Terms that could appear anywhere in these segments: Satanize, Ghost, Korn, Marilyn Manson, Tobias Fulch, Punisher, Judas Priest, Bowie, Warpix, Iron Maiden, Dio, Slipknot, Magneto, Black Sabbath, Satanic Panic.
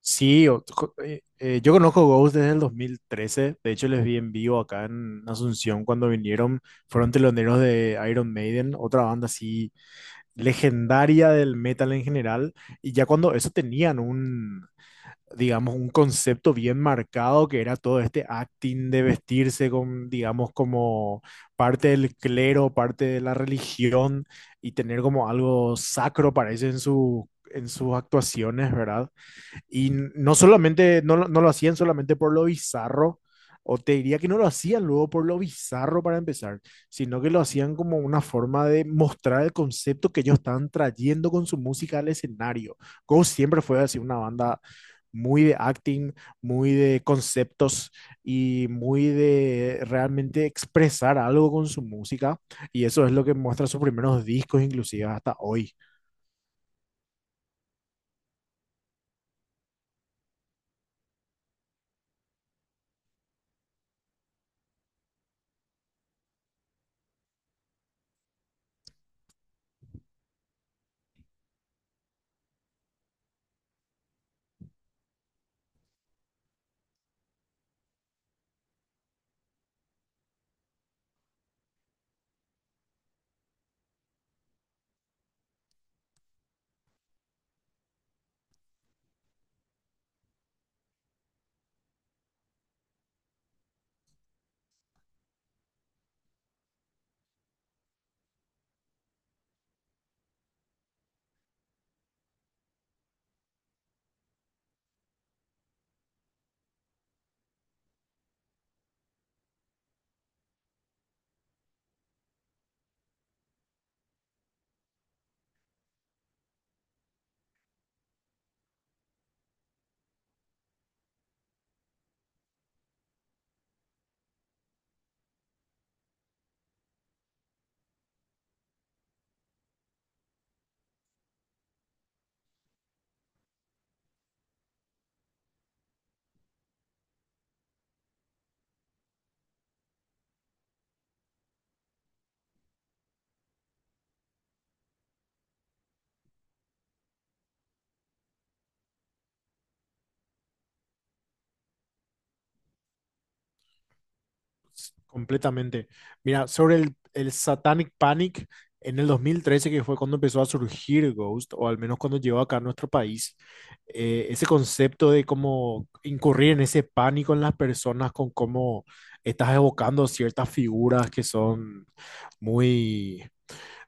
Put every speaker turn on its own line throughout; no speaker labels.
Sí, yo conozco Ghost desde el 2013. De hecho, les vi en vivo acá en Asunción cuando vinieron. Fueron teloneros de Iron Maiden, otra banda así legendaria del metal en general. Y ya cuando eso tenían digamos, un concepto bien marcado que era todo este acting de vestirse con, digamos, como parte del clero, parte de la religión y tener como algo sacro, parece, en en sus actuaciones, ¿verdad? Y no solamente, no, no lo hacían solamente por lo bizarro, o te diría que no lo hacían luego por lo bizarro para empezar, sino que lo hacían como una forma de mostrar el concepto que ellos estaban trayendo con su música al escenario. Ghost siempre fue así una banda muy de acting, muy de conceptos y muy de realmente expresar algo con su música. Y eso es lo que muestra sus primeros discos, inclusive hasta hoy. Completamente. Mira, sobre el Satanic Panic en el dos mil trece, que fue cuando empezó a surgir Ghost, o al menos cuando llegó acá a nuestro país, ese concepto de cómo incurrir en ese pánico en las personas con cómo estás evocando ciertas figuras que son muy,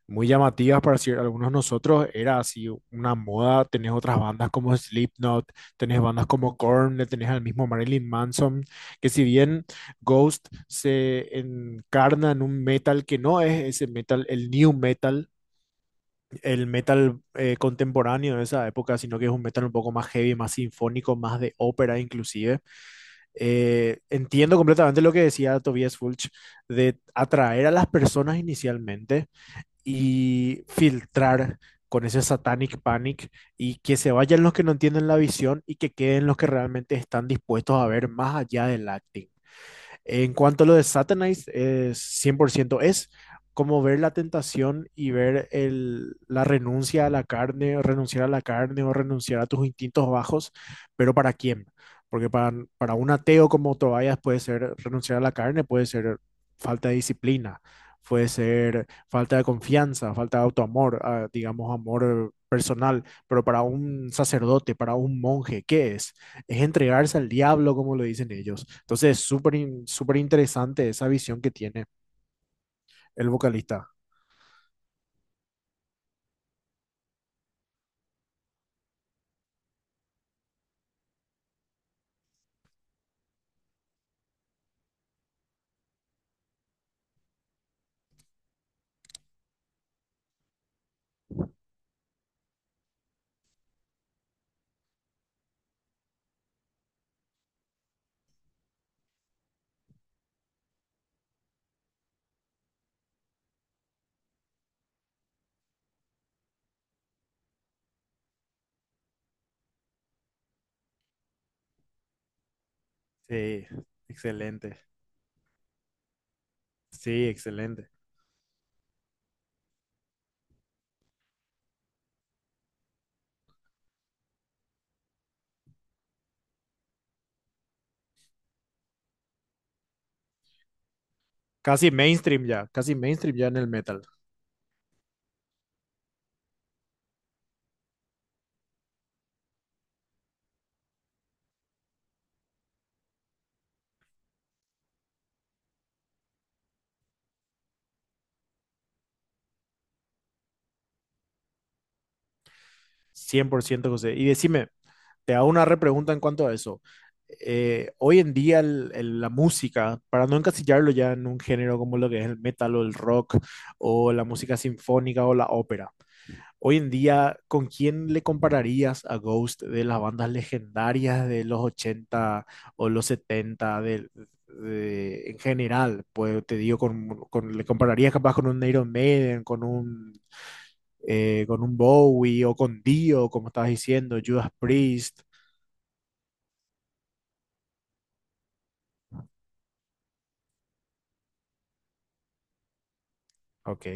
muy llamativas para algunos nosotros, era así una moda. Tenés otras bandas como Slipknot, tenés bandas como Korn, le tenés al mismo Marilyn Manson, que si bien Ghost se encarna en un metal que no es ese metal, el new metal, el metal contemporáneo de esa época, sino que es un metal un poco más heavy, más sinfónico, más de ópera inclusive. Entiendo completamente lo que decía Tobias Fulch, de atraer a las personas inicialmente y filtrar con ese satanic panic, y que se vayan los que no entienden la visión y que queden los que realmente están dispuestos a ver más allá del acting. En cuanto a lo de Satanize, es 100% es como ver la tentación y ver la renuncia a la carne, o renunciar a la carne o renunciar a tus instintos bajos, pero ¿para quién? Porque para, para un ateo como Tobias puede ser renunciar a la carne, puede ser falta de disciplina, puede ser falta de confianza, falta de autoamor, ah, digamos amor personal, pero para un sacerdote, para un monje, ¿qué es? Es entregarse al diablo, como lo dicen ellos. Entonces es súper interesante esa visión que tiene el vocalista. Sí, excelente. Sí, excelente. Casi mainstream ya en el metal. Cien por ciento, José. Y decime, te hago una repregunta en cuanto a eso. Hoy en día la música, para no encasillarlo ya en un género como lo que es el metal o el rock o la música sinfónica o la ópera, hoy en día, ¿con quién le compararías a Ghost de las bandas legendarias de los 80 o los 70, en general? Pues te digo, le compararías capaz con un Iron Maiden, con un Bowie o con Dio, como estabas diciendo, Judas Priest. Ok.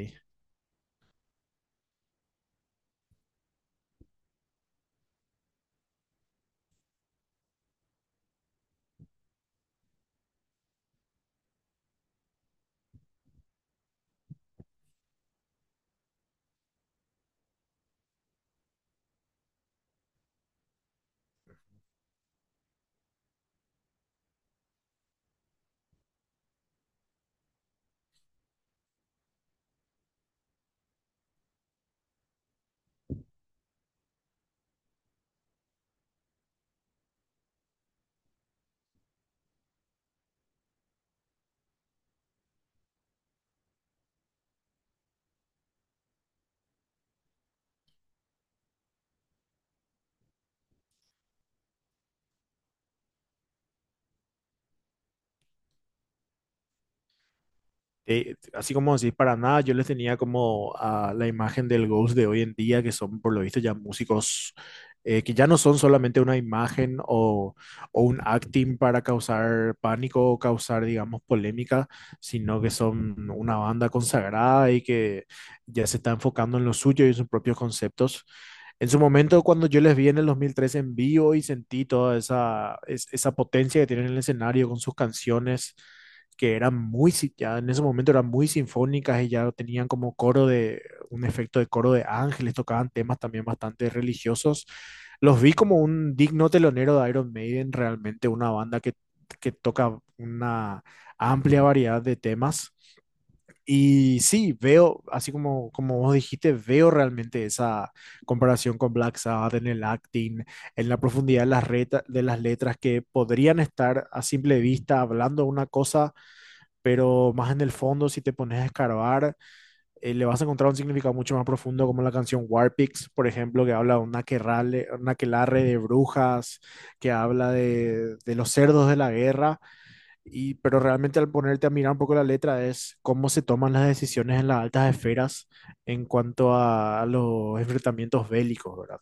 así como decís, para nada, yo les tenía como a la imagen del Ghost de hoy en día, que son por lo visto ya músicos, que ya no son solamente una imagen o un acting para causar pánico o causar, digamos, polémica, sino que son una banda consagrada y que ya se está enfocando en lo suyo y en sus propios conceptos. En su momento, cuando yo les vi en el 2013 en vivo y sentí toda esa, esa potencia que tienen en el escenario con sus canciones, que eran muy, ya en ese momento eran muy sinfónicas y ya tenían como coro de, un efecto de coro de ángeles, tocaban temas también bastante religiosos. Los vi como un digno telonero de Iron Maiden, realmente una banda que toca una amplia variedad de temas. Y sí, veo, así como, como vos dijiste, veo realmente esa comparación con Black Sabbath en el acting, en la profundidad de las, de las letras, que podrían estar a simple vista hablando una cosa, pero más en el fondo, si te pones a escarbar, le vas a encontrar un significado mucho más profundo, como la canción Warpix, por ejemplo, que habla de un aquelarre de brujas, que habla de los cerdos de la guerra y, pero realmente al ponerte a mirar un poco la letra, es cómo se toman las decisiones en las altas esferas en cuanto a los enfrentamientos bélicos, ¿verdad?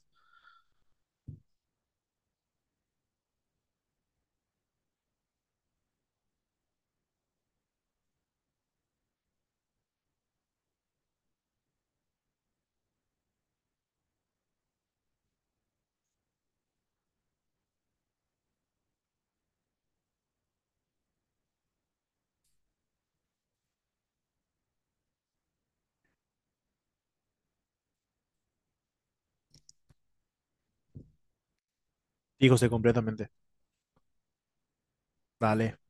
Digo, sé completamente. Dale.